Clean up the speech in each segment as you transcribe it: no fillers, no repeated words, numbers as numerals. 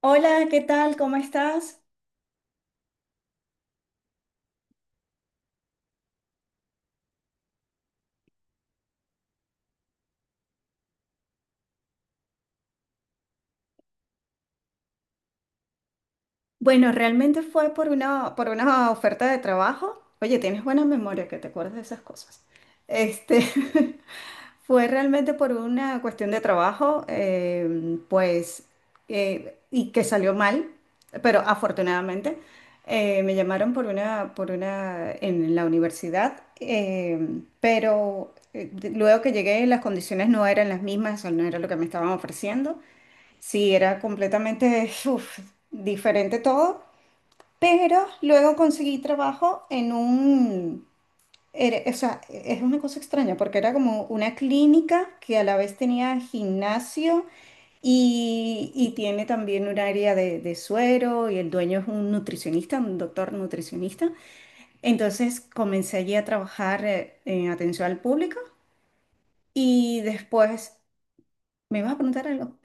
Hola, ¿qué tal? ¿Cómo estás? Bueno, realmente fue por una oferta de trabajo. Oye, tienes buena memoria que te acuerdas de esas cosas. Este, fue realmente por una cuestión de trabajo, pues, y que salió mal, pero afortunadamente me llamaron por una, en la universidad, pero luego que llegué las condiciones no eran las mismas, o no era lo que me estaban ofreciendo. Sí, era completamente diferente todo, pero luego conseguí trabajo en un, es una cosa extraña porque era como una clínica que a la vez tenía gimnasio y tiene también un área de suero y el dueño es un nutricionista, un doctor nutricionista. Entonces comencé allí a trabajar en atención al público y después, ¿me vas a preguntar algo?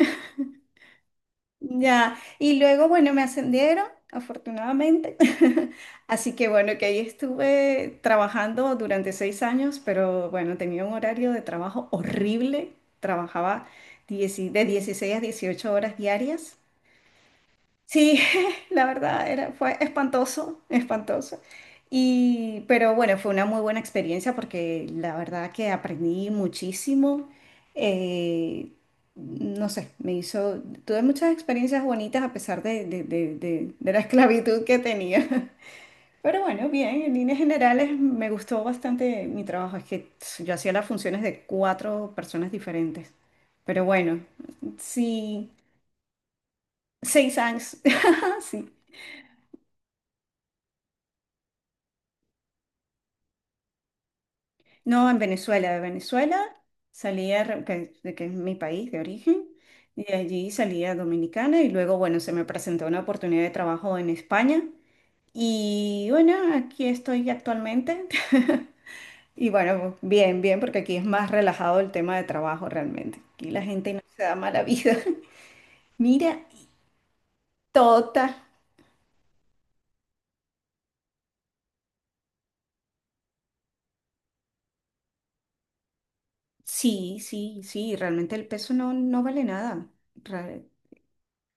Ya, y luego, bueno, me ascendieron, afortunadamente. Así que bueno, que ahí estuve trabajando durante 6 años, pero bueno, tenía un horario de trabajo horrible. Trabajaba de 16 a 18 horas diarias. Sí, la verdad era, fue espantoso, espantoso. Pero bueno, fue una muy buena experiencia porque la verdad que aprendí muchísimo. Eh, no sé, me hizo, tuve muchas experiencias bonitas a pesar de la esclavitud que tenía. Pero bueno, bien, en líneas generales me gustó bastante mi trabajo. Es que tss, yo hacía las funciones de 4 personas diferentes. Pero bueno, sí, 6 años, sí. No, en Venezuela. De Venezuela salía, que es mi país de origen, y de allí salía Dominicana y luego, bueno, se me presentó una oportunidad de trabajo en España. Y bueno, aquí estoy actualmente. Y bueno, bien, bien, porque aquí es más relajado el tema de trabajo realmente. Aquí la gente no se da mala vida. Mira, tota. Sí, sí, sí, realmente el peso no, no vale nada. Ra-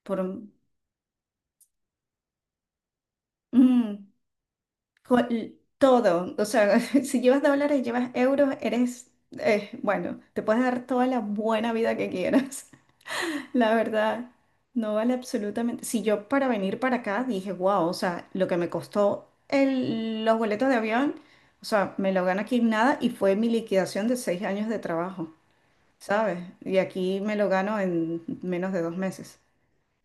Por, un- mm. Con todo, o sea, si llevas dólares, llevas euros, eres, bueno, te puedes dar toda la buena vida que quieras. La verdad, no vale absolutamente. Si yo para venir para acá dije, wow, o sea, lo que me costó los boletos de avión, o sea, me lo gano aquí en nada y fue mi liquidación de 6 años de trabajo, ¿sabes? Y aquí me lo gano en menos de 2 meses.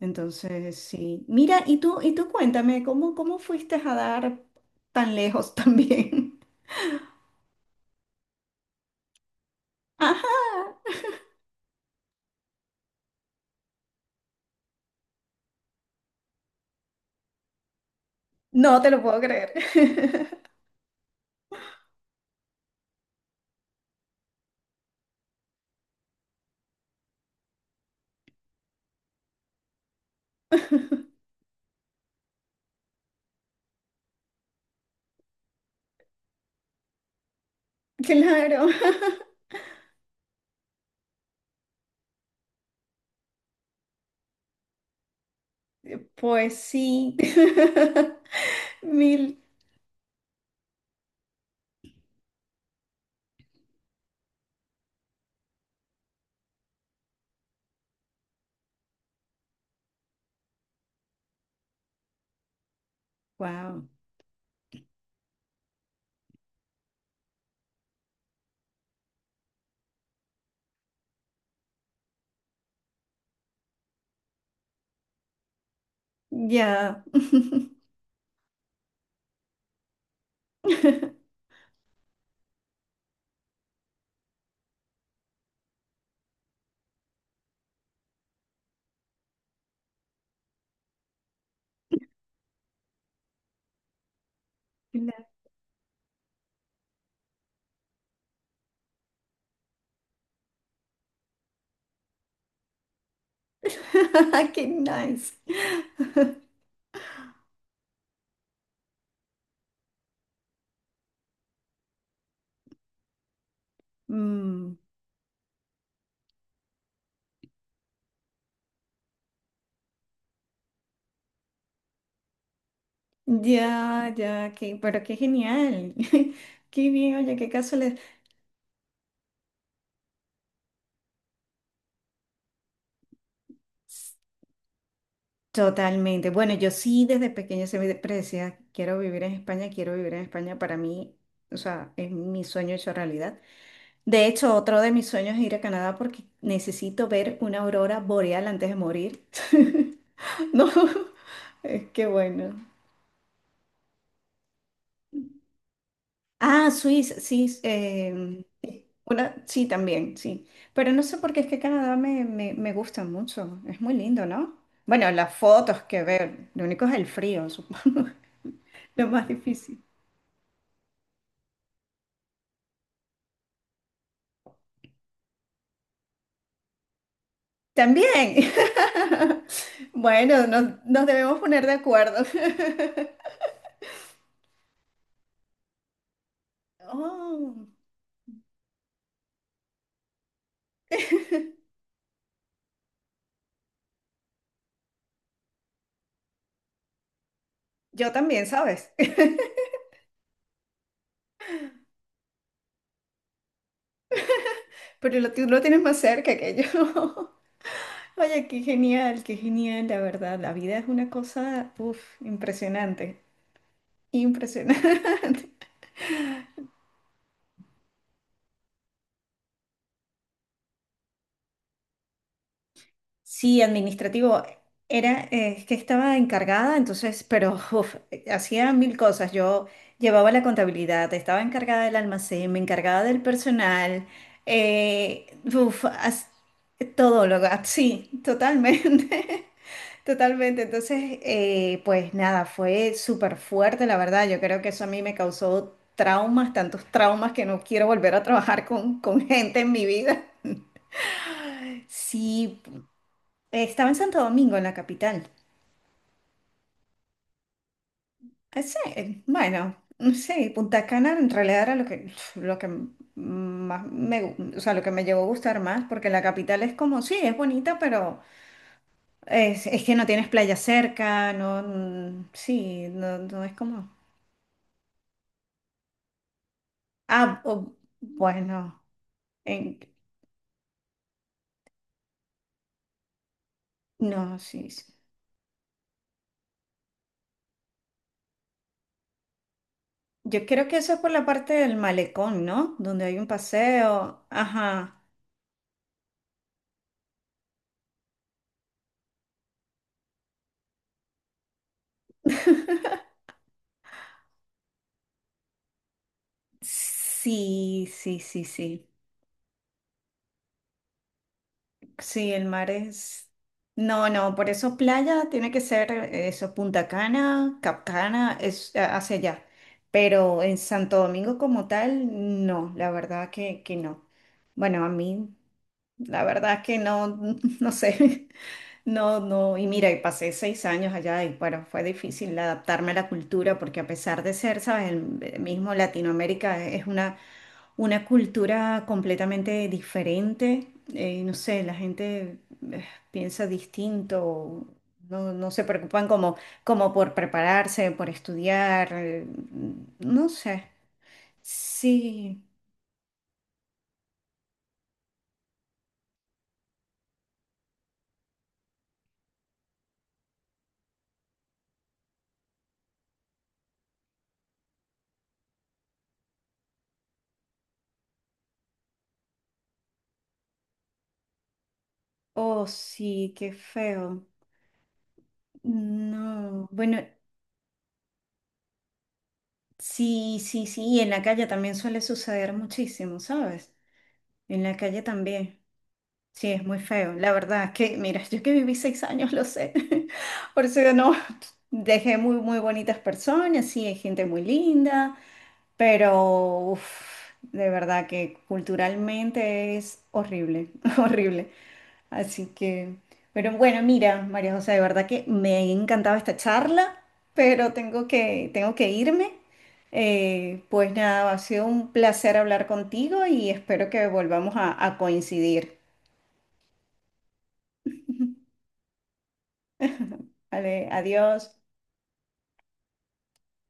Entonces, sí. Mira, y tú cuéntame, ¿cómo, cómo fuiste a dar tan lejos también? Ajá, no te lo puedo creer. Claro. Pues sí. Mil. Wow. Ya. Qué nice. Mm, ya, ya, qué, pero qué genial. Qué bien, oye, qué casualidad. Totalmente. Bueno, yo sí desde pequeña se me decía, quiero vivir en España, quiero vivir en España. Para mí, o sea, es mi sueño hecho realidad. De hecho, otro de mis sueños es ir a Canadá porque necesito ver una aurora boreal antes de morir. No, es que bueno. Ah, Suiza, sí, una, sí, también, sí. Pero no sé por qué es que Canadá me gusta mucho. Es muy lindo, ¿no? Bueno, las fotos que ver, lo único es el frío, supongo, lo más difícil. También. Bueno, nos debemos poner de acuerdo. Oh, yo también, ¿sabes? Pero lo, tú lo tienes más cerca que yo. Oye, qué genial, la verdad. La vida es una cosa, uf, impresionante. Impresionante. Sí, administrativo. Era, es que estaba encargada, entonces, pero uf, hacía mil cosas. Yo llevaba la contabilidad, estaba encargada del almacén, me encargaba del personal, eh, uf, as- todo lo, ah, sí, totalmente, totalmente. Entonces, pues nada, fue súper fuerte, la verdad. Yo creo que eso a mí me causó traumas, tantos traumas que no quiero volver a trabajar con gente en mi vida. Sí, estaba en Santo Domingo, en la capital. Sí, bueno, mm, sí, Punta Cana en realidad era lo que, más o sea, lo que me llevó a gustar más, porque la capital es como, sí, es bonita, pero es que no tienes playa cerca, no, mm, sí, no, no es como, ah, o- bueno, en- no, sí, sí. Yo creo que eso es por la parte del malecón, ¿no? Donde hay un paseo, ajá, sí, sí, sí, sí. Sí, el mar es... No, no, por eso playa tiene que ser eso, Punta Cana, Cap Cana es hacia allá. Pero en Santo Domingo como tal, no, la verdad que no. Bueno, a mí, la verdad que no, no sé. No, no, y mira, y pasé 6 años allá y bueno, fue difícil adaptarme a la cultura porque a pesar de ser, sabes, el mismo Latinoamérica es una cultura completamente diferente. No sé, la gente eh, piensa distinto, no, no se preocupan como, como por prepararse, por estudiar, no sé. Sí, oh sí, qué feo. No, bueno, sí, sí, sí, y en la calle también suele suceder muchísimo, ¿sabes? En la calle también. Sí, es muy feo. La verdad es que, mira, yo que viví 6 años, lo sé. Por eso que no, dejé muy, muy bonitas personas, sí, hay gente muy linda, pero uf, de verdad que culturalmente es horrible, horrible. Así que, pero bueno, mira, María José, de verdad que me ha encantado esta charla, pero tengo que irme. Pues nada, ha sido un placer hablar contigo y espero que volvamos a coincidir. Vale, adiós.